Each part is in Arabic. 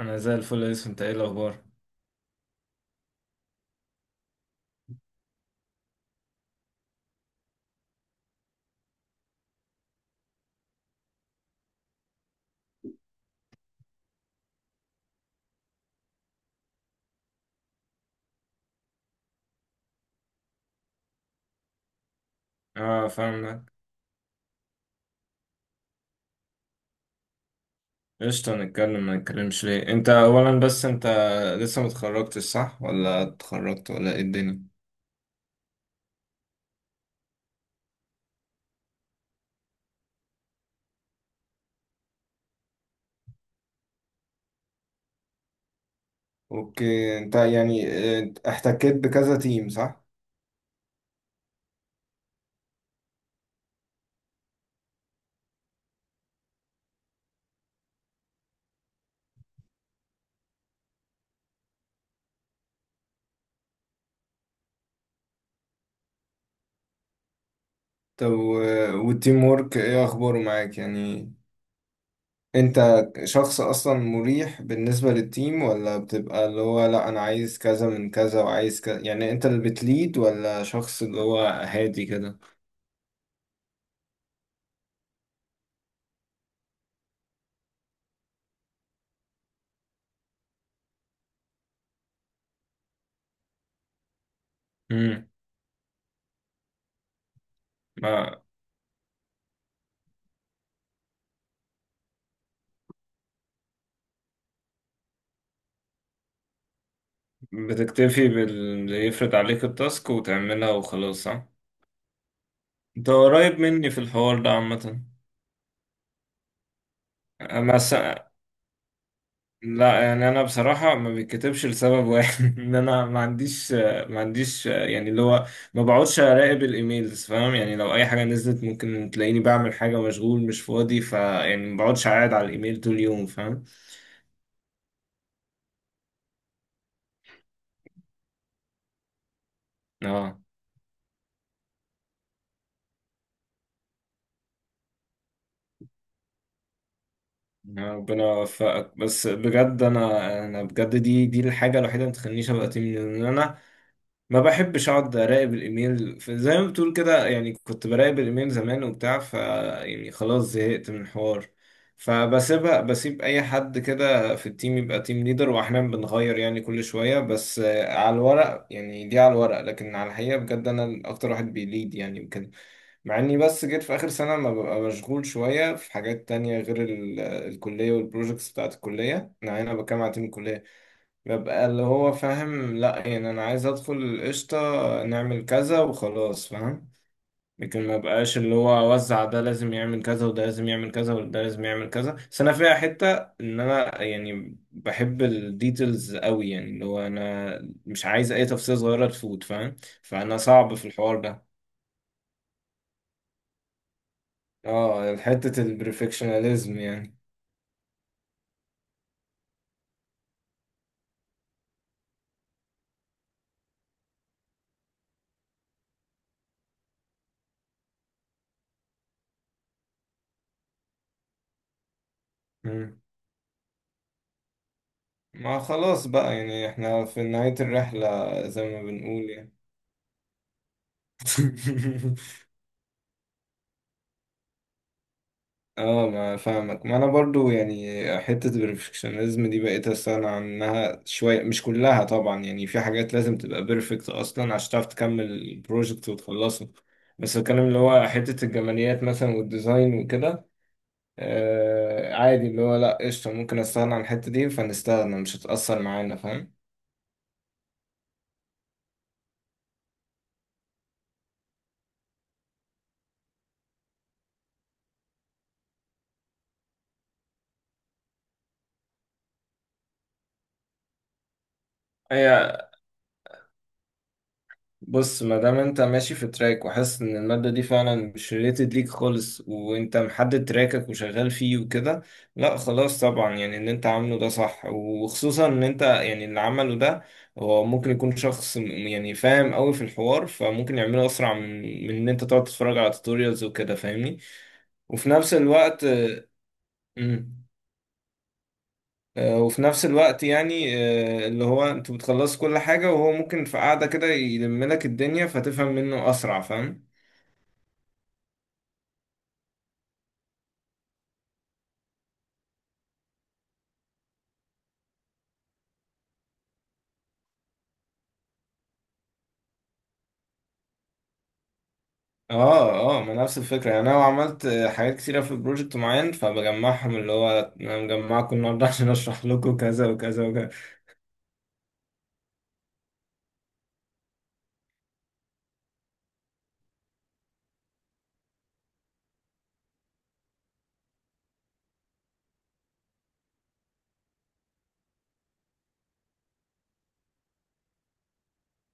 انا زي الفل يا يوسف. انت ايه الاخبار؟ اه فاهمك. قشطة، نتكلم ما نتكلمش ليه. انت اولا، بس انت لسه متخرجتش، صح؟ ولا اتخرجت ولا ايه الدنيا؟ اوكي، انت يعني اه، احتكيت بكذا تيم، صح؟ طب، والتيم وورك ايه اخباره معاك يعني؟ انت شخص اصلا مريح بالنسبة للتيم، ولا بتبقى اللي هو لا انا عايز كذا من كذا وعايز كذا؟ يعني انت اللي بتليد ولا شخص اللي هو هادي كده؟ امم. بتكتفي باللي يفرض عليك التاسك وتعملها وخلاص، صح؟ انت قريب مني في الحوار ده عامة. انا س... لا، يعني انا بصراحة ما بيتكتبش لسبب واحد ان انا ما عنديش. يعني اللي هو ما بقعدش اراقب الايميلز، فاهم؟ يعني لو اي حاجة نزلت ممكن تلاقيني بعمل حاجة، مشغول مش فاضي، فيعني ما بقعدش قاعد على الايميل طول اليوم، فاهم؟ اه، يا ربنا يوفقك. بس بجد، انا بجد دي الحاجة الوحيدة اللي ما تخلينيش ابقى تيم ليدر. ان انا ما بحبش اقعد اراقب الايميل زي ما بتقول كده. يعني كنت براقب الايميل زمان وبتاع، ف يعني خلاص زهقت من الحوار. فبسيبها، بسيب اي حد كده في التيم يبقى تيم ليدر، واحنا بنغير يعني كل شوية. بس على الورق، يعني دي على الورق، لكن على الحقيقة بجد انا اكتر واحد بيليد يعني وكده. مع اني بس جيت في اخر سنة ما ببقى مشغول شوية في حاجات تانية غير الكلية والبروجكتس بتاعت الكلية. انا هنا بتكلم على تيم الكلية. ببقى اللي هو فاهم، لا يعني انا عايز ادخل القشطة، نعمل كذا وخلاص، فاهم؟ لكن ما بقاش اللي هو اوزع، ده لازم يعمل كذا وده لازم يعمل كذا وده لازم يعمل كذا. بس انا فيها حتة ان انا يعني بحب الديتيلز قوي، يعني اللي هو انا مش عايز اي تفصيلة صغيرة تفوت، فاهم؟ فانا صعب في الحوار ده. اه، حتة البرفكشناليزم يعني. مم. ما خلاص بقى، يعني احنا في نهاية الرحلة زي ما بنقول يعني. اه، ما فاهمك. ما انا برضو يعني حتة البرفكشنزم دي بقيت استغنى عنها شوية، مش كلها طبعا. يعني في حاجات لازم تبقى بيرفكت اصلا عشان تعرف تكمل البروجكت وتخلصه. بس الكلام اللي هو حتة الجماليات مثلا والديزاين وكده، آه عادي اللي هو لا قشطة، ممكن استغنى عن الحتة دي، فنستغنى مش هتأثر معانا، فاهم؟ هي بص، ما دام انت ماشي في تراك وحاسس ان المادة دي فعلا مش ريليتد ليك خالص، وانت محدد تراكك وشغال فيه وكده، لا خلاص طبعا. يعني اللي انت عامله ده صح، وخصوصا ان انت يعني اللي عمله ده هو ممكن يكون شخص يعني فاهم قوي في الحوار، فممكن يعمله اسرع من ان انت تقعد تتفرج على توتوريالز وكده، فاهمني؟ وفي نفس الوقت مم. آه، وفي نفس الوقت يعني آه، اللي هو انتوا بتخلصوا كل حاجة، وهو ممكن في قعدة كده يلم لك الدنيا فتفهم منه اسرع، فاهم؟ اه، اه، ما نفس الفكرة، يعني انا عملت حاجات كتيرة في بروجكت معين، فبجمعهم اللي هو انا مجمعكم النهاردة عشان اشرح لكم كذا وكذا وكذا.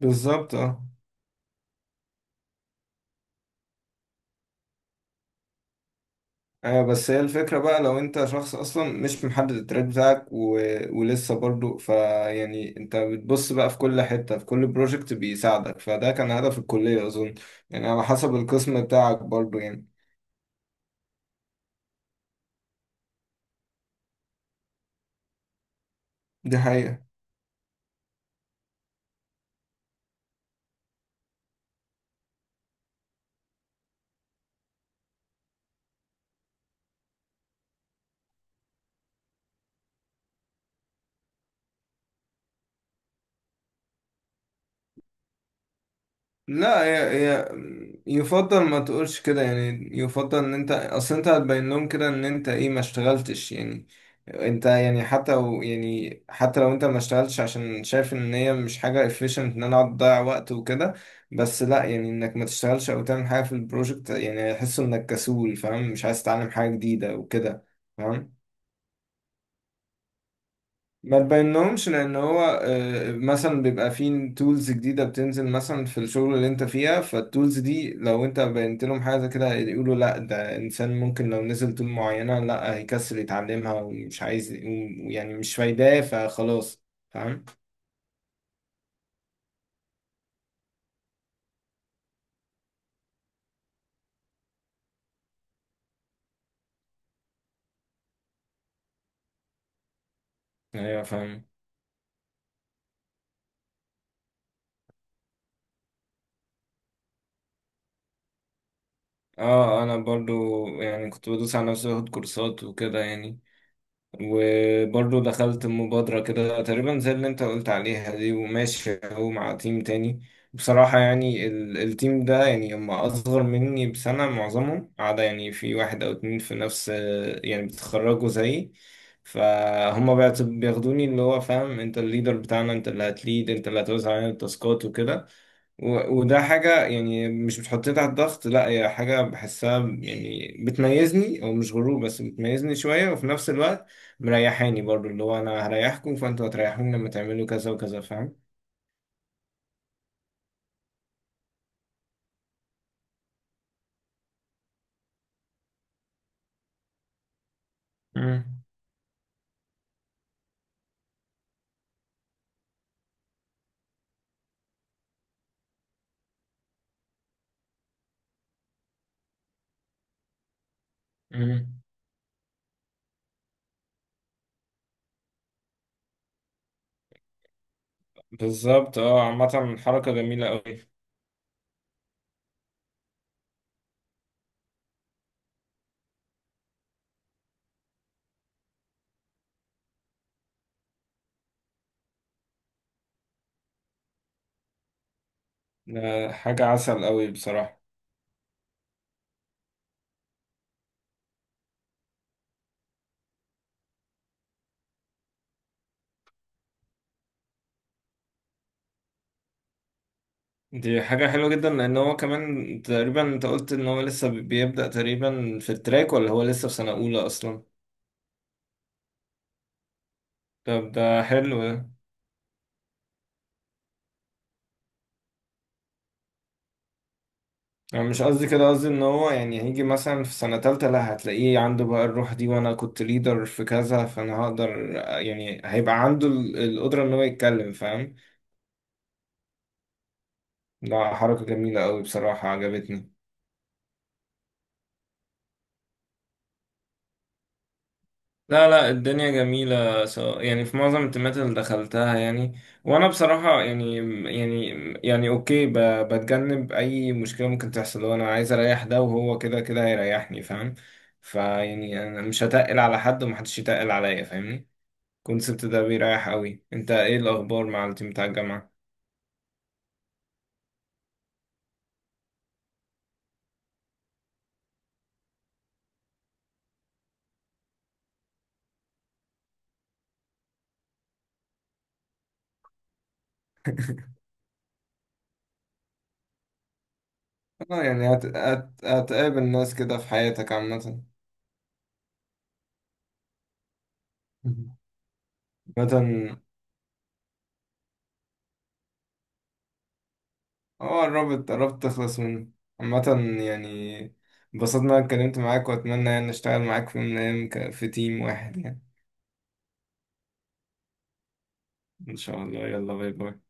بالظبط اه. ايوه، بس هي الفكرة بقى لو انت شخص اصلا مش محدد التراك بتاعك ولسه برضو، فيعني انت بتبص بقى في كل حتة في كل بروجكت بيساعدك، فده كان هدف الكلية اظن. يعني على حسب القسم بتاعك برضو يعني. دي حقيقة. لا، يفضل ما تقولش كده، يعني يفضل ان انت اصل انت هتبين لهم كده ان انت ايه، ما اشتغلتش يعني. انت يعني حتى يعني حتى لو انت ما اشتغلتش عشان شايف ان هي مش حاجة efficient، ان انا اقعد اضيع وقت وكده، بس لا يعني انك ما تشتغلش او تعمل حاجة في البروجكت يعني هيحسوا انك كسول، فاهم؟ مش عايز تتعلم حاجة جديدة وكده، فاهم؟ ما تبينهمش، لان هو مثلا بيبقى فيه تولز جديده بتنزل مثلا في الشغل اللي انت فيها، فالتولز دي لو انت بينت لهم حاجه زي كده يقولوا لا ده انسان ممكن لو نزل تول معينه لا هيكسل يتعلمها ومش عايز، يعني مش فايداه فخلاص، فاهم؟ ايوه فاهم. اه، انا برضو يعني كنت بدوس على نفسي باخد كورسات وكده يعني. وبرضه دخلت مبادرة كده تقريبا زي اللي انت قلت عليها دي، وماشي اهو مع تيم تاني. بصراحة، يعني التيم ده يعني هم أصغر مني بسنة معظمهم، عدا يعني في واحد أو اتنين في نفس، يعني بيتخرجوا زيي. فهم بياخدوني اللي هو فاهم، انت الليدر بتاعنا، انت اللي هتليد، انت اللي هتوزع علينا التاسكات وكده. وده حاجة يعني مش بتحطني تحت ضغط، لا هي حاجة بحسها يعني بتميزني، أو مش غرور بس بتميزني شوية. وفي نفس الوقت مريحاني برضو، اللي هو أنا هريحكم فأنتوا هتريحوني لما تعملوا كذا وكذا، فاهم؟ مم. مم. بالظبط اه، عامة حركة جميلة أوي. ده حاجة عسل أوي بصراحة. دي حاجة حلوة جدا، لأن هو كمان تقريبا أنت قلت إن هو لسه بيبدأ تقريبا في التراك، ولا هو لسه في سنة أولى أصلا؟ طب ده حلو. انا مش قصدي كده، قصدي ان هو يعني هيجي مثلا في سنة تالتة لا هتلاقيه عنده بقى الروح دي، وانا كنت ليدر في كذا فانا هقدر، يعني هيبقى عنده القدرة ان هو يتكلم، فاهم؟ ده حركة جميلة قوي بصراحة، عجبتني. لا، لا، الدنيا جميلة، سواء يعني في معظم التيمات اللي دخلتها يعني. وانا بصراحة يعني، يعني اوكي بتجنب اي مشكلة ممكن تحصل، وانا عايز اريح ده وهو كده كده هيريحني، فاهم؟ فيعني انا مش هتقل على حد ومحدش يتقل عليا، فاهمني؟ الكونسبت ده بيريح قوي. انت ايه الاخبار مع التيم بتاع الجامعه؟ اه، يعني هتقابل ناس كده في حياتك عامه. مهم. عامه اه، قربت قربت تخلص منه. عامه يعني، انبسطت ان انا اتكلمت معاك، واتمنى يعني اشتغل معاك في يوم من الايام في تيم واحد يعني. ان شاء الله، يلا باي باي.